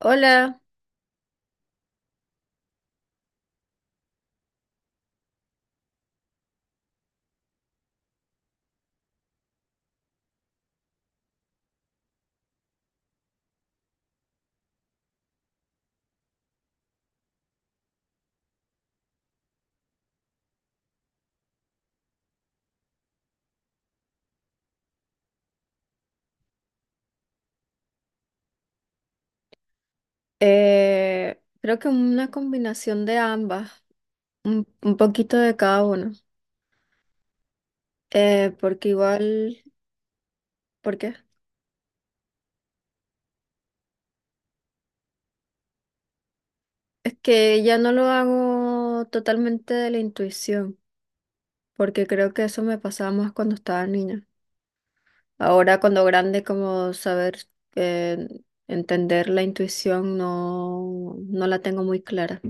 Hola. Creo que una combinación de ambas, un poquito de cada uno. Porque igual, ¿por qué? Es que ya no lo hago totalmente de la intuición, porque creo que eso me pasaba más cuando estaba niña. Ahora cuando grande, como saber eh, entender la intuición no la tengo muy clara.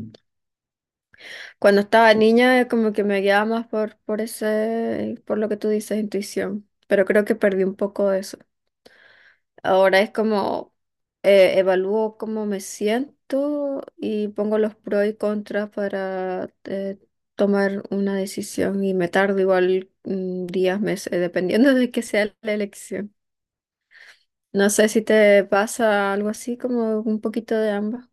Cuando estaba niña, como que me guiaba más por ese, por lo que tú dices, intuición. Pero creo que perdí un poco de eso. Ahora es como evalúo cómo me siento y pongo los pros y contras para tomar una decisión y me tardo igual días, meses, dependiendo de que sea la elección. No sé si te pasa algo así, como un poquito de ambas.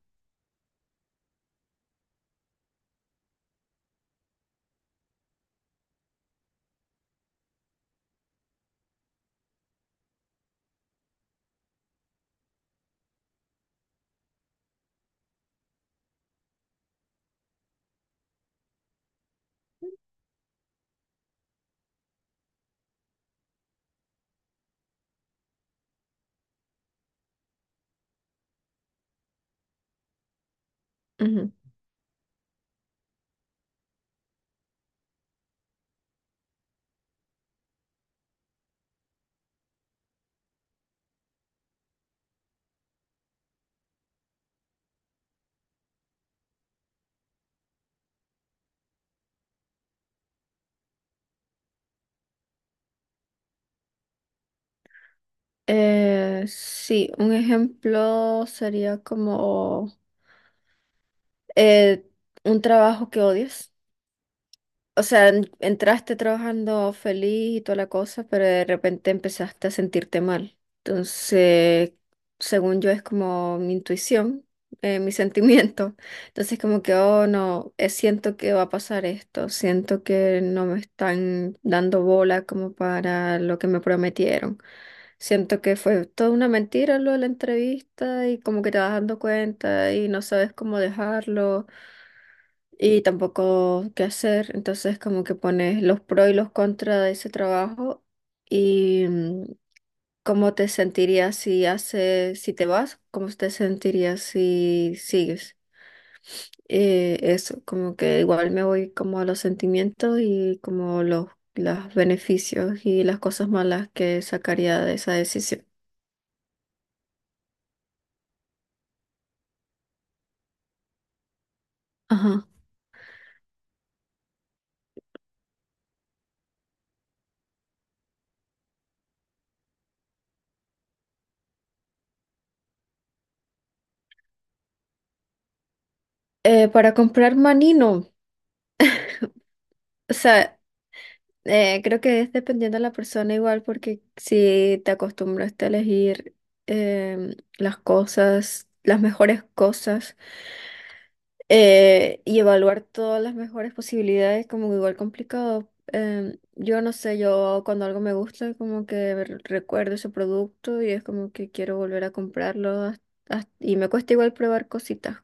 Sí, un ejemplo sería como eh, un trabajo que odias. O sea, entraste trabajando feliz y toda la cosa, pero de repente empezaste a sentirte mal. Entonces, según yo, es como mi intuición, mi sentimiento. Entonces, como que, oh, no, siento que va a pasar esto, siento que no me están dando bola como para lo que me prometieron. Siento que fue toda una mentira lo de la entrevista y como que te vas dando cuenta y no sabes cómo dejarlo y tampoco qué hacer. Entonces como que pones los pros y los contras de ese trabajo y cómo te sentirías si haces, si te vas, cómo te sentirías si sigues. Eso, como que igual me voy como a los sentimientos y como los beneficios y las cosas malas que sacaría de esa decisión. Ajá. Para comprar manino, o sea, eh, creo que es dependiendo de la persona igual, porque si te acostumbras a elegir las cosas, las mejores cosas, y evaluar todas las mejores posibilidades, como igual complicado. Em, yo no sé, yo cuando algo me gusta, como que recuerdo ese producto y es como que quiero volver a comprarlo y me cuesta igual probar cositas.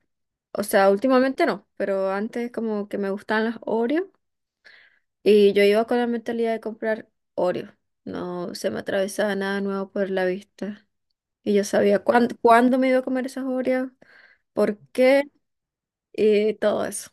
O sea, últimamente no, pero antes como que me gustaban las Oreo. Y yo iba con la mentalidad de comprar Oreo. No se me atravesaba nada nuevo por la vista. Y yo sabía cuándo me iba a comer esas Oreos, por qué y todo eso.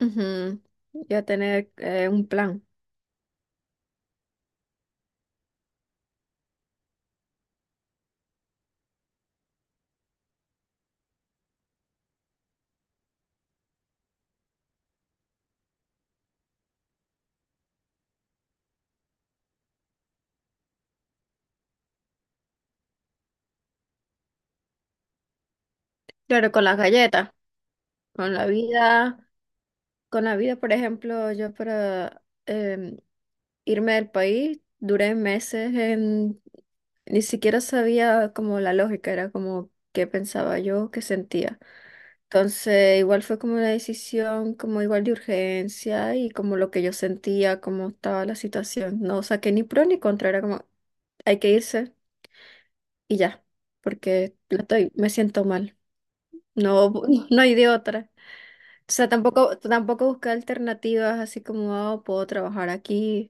Ujú. Iba tener un plan. Claro, con las galletas, con la vida. Con la vida, por ejemplo, yo para irme del país duré meses en... Ni siquiera sabía como la lógica, era como qué pensaba yo, qué sentía. Entonces, igual fue como una decisión, como igual de urgencia y como lo que yo sentía, cómo estaba la situación. No saqué ni pro ni contra, era como hay que irse y ya, porque la estoy, me siento mal. No, no hay de otra. O sea, tampoco busqué alternativas así como, "Ah, puedo trabajar aquí.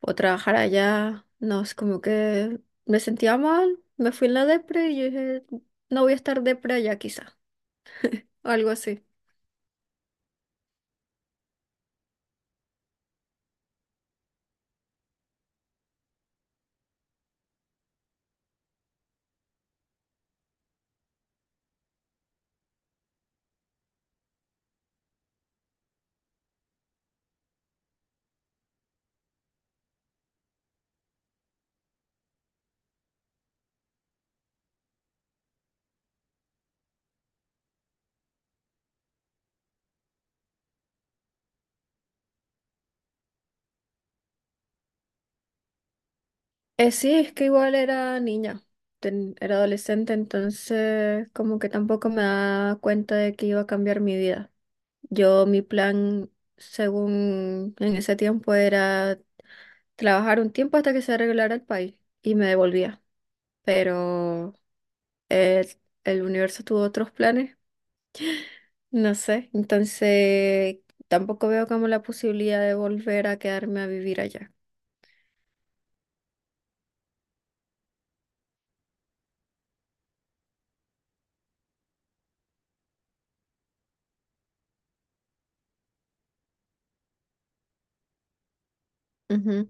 O trabajar allá." No, es como que me sentía mal, me fui en la depre y yo dije, no voy a estar depre allá quizá, algo así. Sí, es que igual era niña, era adolescente, entonces como que tampoco me daba cuenta de que iba a cambiar mi vida. Yo, mi plan, según en ese tiempo, era trabajar un tiempo hasta que se arreglara el país y me devolvía, pero eh, el universo tuvo otros planes. No sé, entonces tampoco veo como la posibilidad de volver a quedarme a vivir allá. Ujú.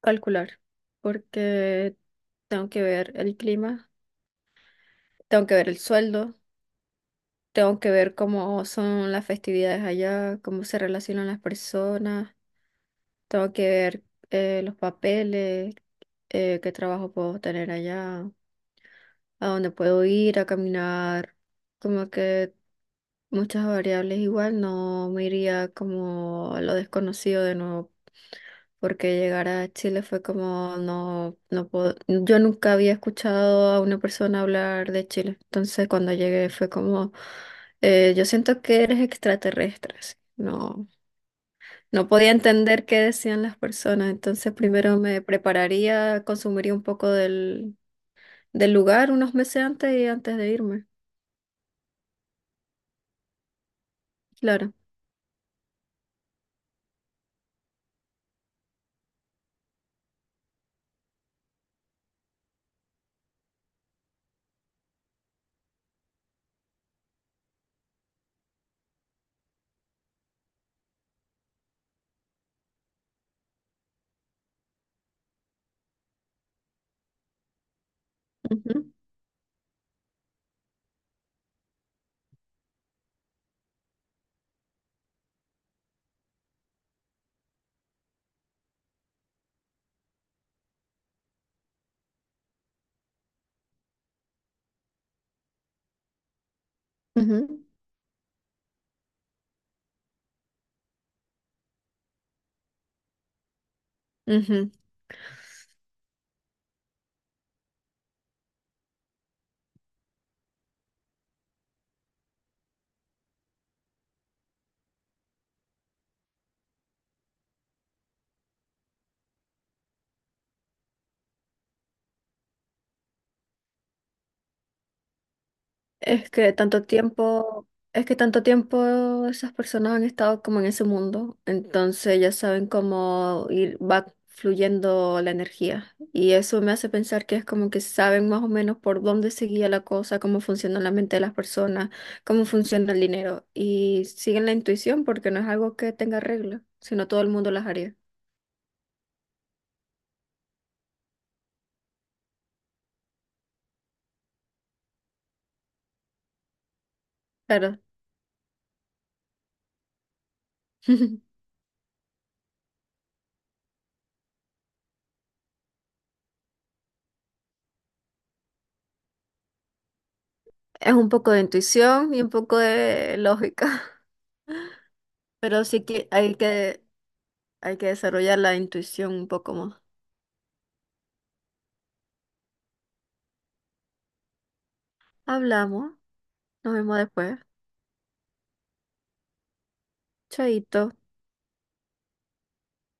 Calcular, porque tengo que ver el clima, tengo que ver el sueldo, tengo que ver cómo son las festividades allá, cómo se relacionan las personas, tengo que ver los papeles, qué trabajo puedo tener allá, a dónde puedo ir a caminar, como que muchas variables igual, no me iría como a lo desconocido de nuevo, porque llegar a Chile fue como, no puedo, yo nunca había escuchado a una persona hablar de Chile, entonces cuando llegué fue como, yo siento que eres extraterrestre, así, no, no podía entender qué decían las personas, entonces primero me prepararía, consumiría un poco del lugar unos meses antes y antes de irme, claro. Ujú, ujú, ujú. Es que tanto tiempo, es que tanto tiempo esas personas han estado como en ese mundo, entonces ya saben cómo ir, va fluyendo la energía. Y eso me hace pensar que es como que saben más o menos por dónde seguía la cosa, cómo funciona la mente de las personas, cómo funciona el dinero. Y siguen la intuición porque no es algo que tenga reglas, sino todo el mundo las haría. Claro. Es un poco de intuición y un poco de lógica. Pero sí que hay que... Hay que desarrollar la intuición un poco más. Hablamos, nos vemos después. Chaito.